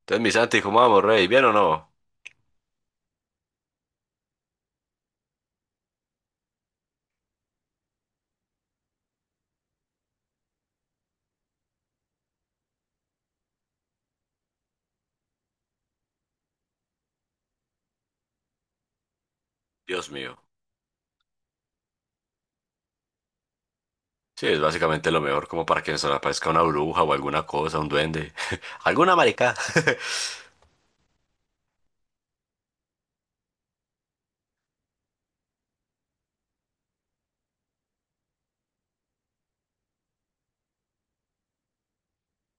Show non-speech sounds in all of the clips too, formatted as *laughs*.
Entonces mi Santi dijo, vamos, rey, ¿bien o no? Dios mío. Sí, es básicamente lo mejor como para que nos aparezca una bruja o alguna cosa, un duende, *laughs* alguna marica *laughs*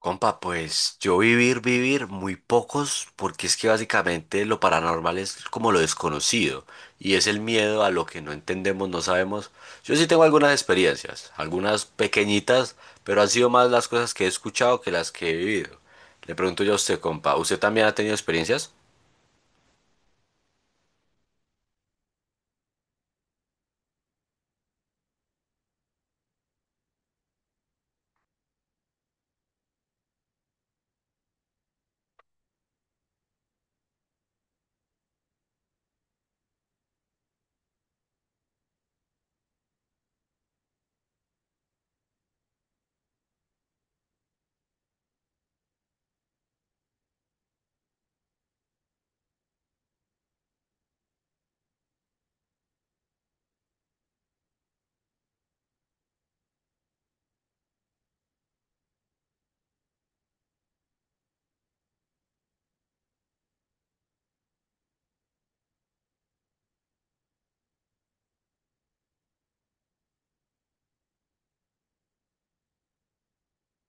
Compa, pues yo vivir muy pocos, porque es que básicamente lo paranormal es como lo desconocido y es el miedo a lo que no entendemos, no sabemos. Yo sí tengo algunas experiencias, algunas pequeñitas, pero han sido más las cosas que he escuchado que las que he vivido. Le pregunto yo a usted, compa, ¿usted también ha tenido experiencias?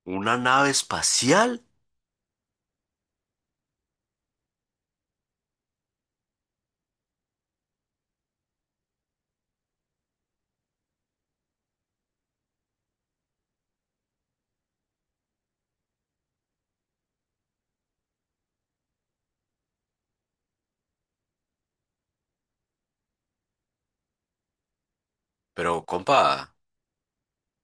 ¿Una nave espacial? Pero, compa,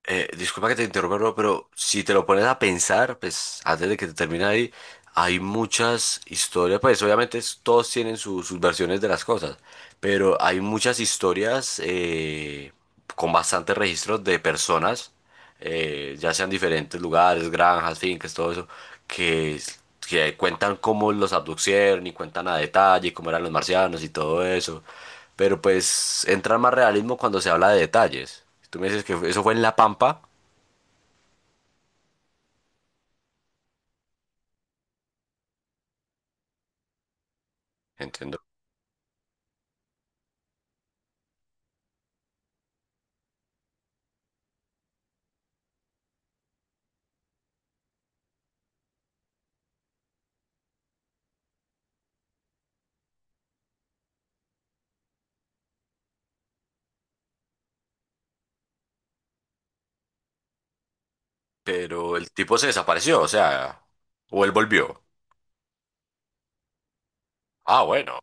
disculpa que te interrumpa, bro, pero si te lo pones a pensar, pues antes de que te termine ahí, hay muchas historias, pues obviamente todos tienen sus versiones de las cosas, pero hay muchas historias con bastantes registros de personas, ya sean diferentes lugares, granjas, fincas, todo eso, que, que cuentan cómo los abducieron y cuentan a detalle cómo eran los marcianos y todo eso. Pero pues entra más realismo cuando se habla de detalles. Si tú me dices que eso fue en La Pampa, entiendo. Pero el tipo se desapareció, o sea, o él volvió. Ah, bueno.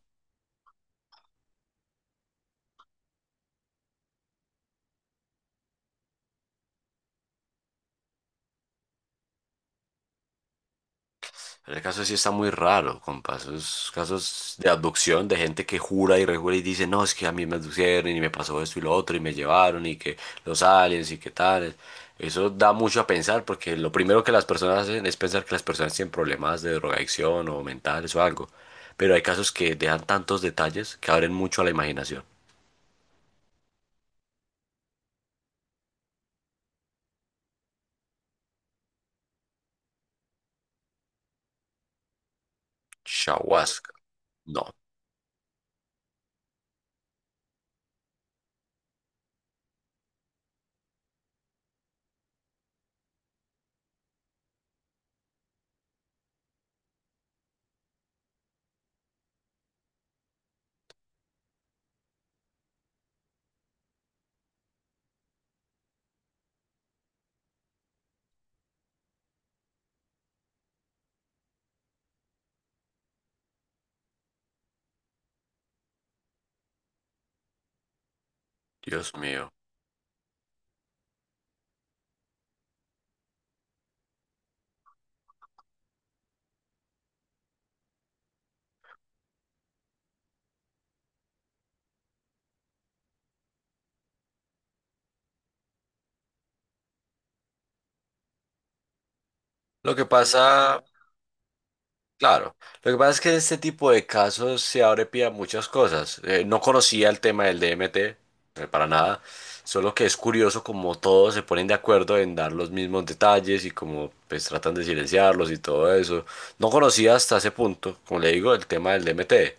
Ese caso sí está muy raro, compa. Esos casos de abducción de gente que jura y rejura y dice, no, es que a mí me abducieron y me pasó esto y lo otro y me llevaron y que los aliens y que tal. Eso da mucho a pensar porque lo primero que las personas hacen es pensar que las personas tienen problemas de drogadicción o mentales o algo. Pero hay casos que dejan tantos detalles que abren mucho a la imaginación. Claro. No, Dios mío. Lo que pasa. Claro, lo que pasa es que en este tipo de casos se abre pie a muchas cosas. No conocía el tema del DMT, para nada. Solo que es curioso como todos se ponen de acuerdo en dar los mismos detalles y como pues tratan de silenciarlos y todo eso. No conocía hasta ese punto, como le digo, el tema del DMT,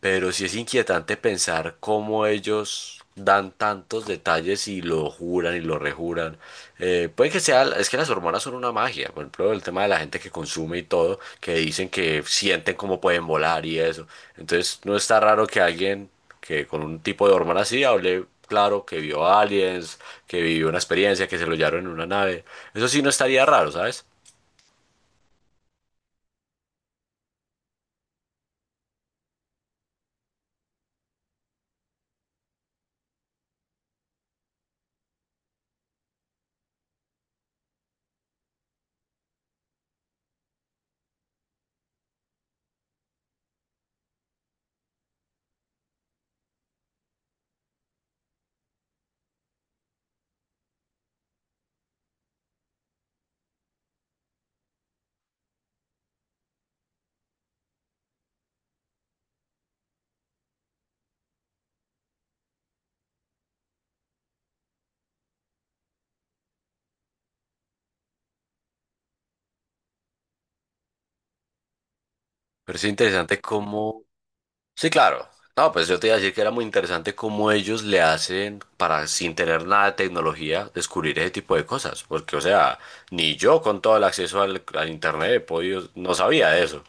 pero sí es inquietante pensar cómo ellos dan tantos detalles y lo juran y lo rejuran. Puede que sea, es que las hormonas son una magia, por ejemplo, el tema de la gente que consume y todo, que dicen que sienten cómo pueden volar y eso. Entonces no está raro que alguien que con un tipo de hormona así hablé claro que vio aliens, que vivió una experiencia, que se lo llevaron en una nave. Eso sí no estaría raro, ¿sabes? Pero es interesante cómo... Sí, claro. No, pues yo te iba a decir que era muy interesante cómo ellos le hacen para, sin tener nada de tecnología, descubrir ese tipo de cosas. Porque, o sea, ni yo con todo el acceso al internet he podido, no sabía de eso.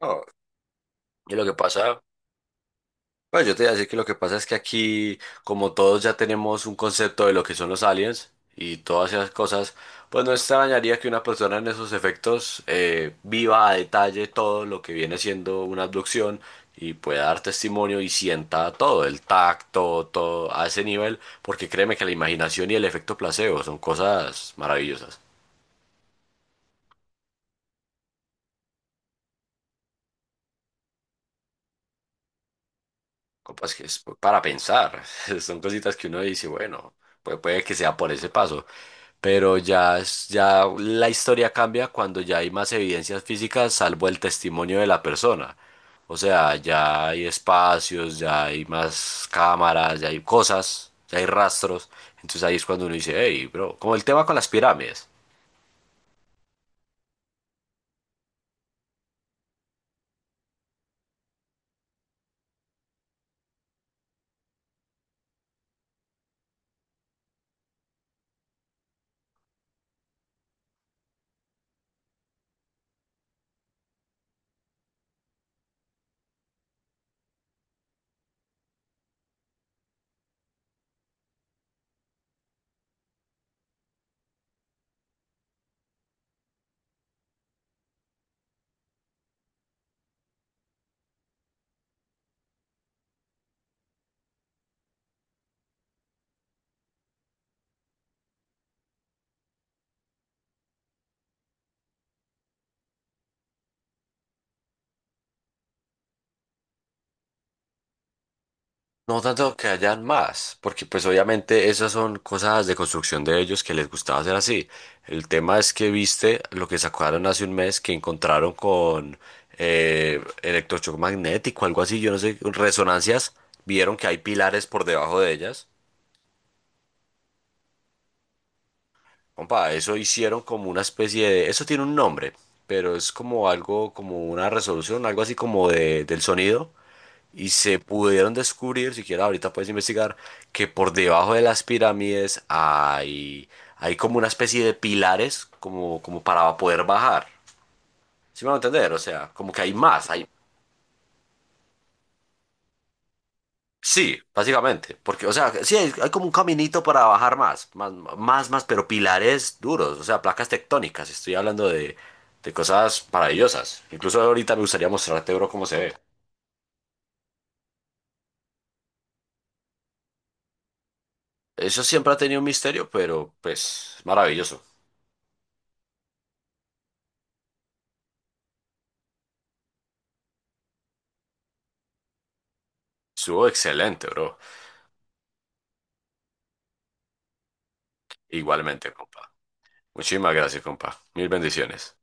No, y lo que pasa, bueno, yo te iba a decir que lo que pasa es que aquí, como todos ya tenemos un concepto de lo que son los aliens y todas esas cosas, pues no extrañaría que una persona en esos efectos viva a detalle todo lo que viene siendo una abducción y pueda dar testimonio y sienta todo, el tacto, todo a ese nivel, porque créeme que la imaginación y el efecto placebo son cosas maravillosas. Copas que es para pensar, *laughs* son cositas que uno dice, bueno, pues puede que sea por ese paso. Pero ya, ya la historia cambia cuando ya hay más evidencias físicas salvo el testimonio de la persona. O sea, ya hay espacios, ya hay más cámaras, ya hay cosas, ya hay rastros. Entonces ahí es cuando uno dice, hey, bro, como el tema con las pirámides. No tanto que hayan más, porque pues obviamente esas son cosas de construcción de ellos que les gustaba hacer así. El tema es que viste lo que sacaron hace un mes que encontraron con electrochoc magnético, algo así, yo no sé, resonancias, vieron que hay pilares por debajo de ellas. Compa, eso hicieron como una especie de, eso tiene un nombre, pero es como algo, como una resolución, algo así como de, del sonido. Y se pudieron descubrir, siquiera ahorita puedes investigar, que por debajo de las pirámides hay, hay como una especie de pilares como, como para poder bajar. ¿Sí me van a entender? O sea, como que hay más, hay... Sí, básicamente. Porque, o sea, sí, hay como un caminito para bajar más, más, más, más, pero pilares duros, o sea, placas tectónicas. Estoy hablando de cosas maravillosas. Incluso ahorita me gustaría mostrarte, bro, cómo se ve. Eso siempre ha tenido un misterio, pero pues maravilloso. Estuvo excelente, bro. Igualmente, compa. Muchísimas gracias, compa. Mil bendiciones.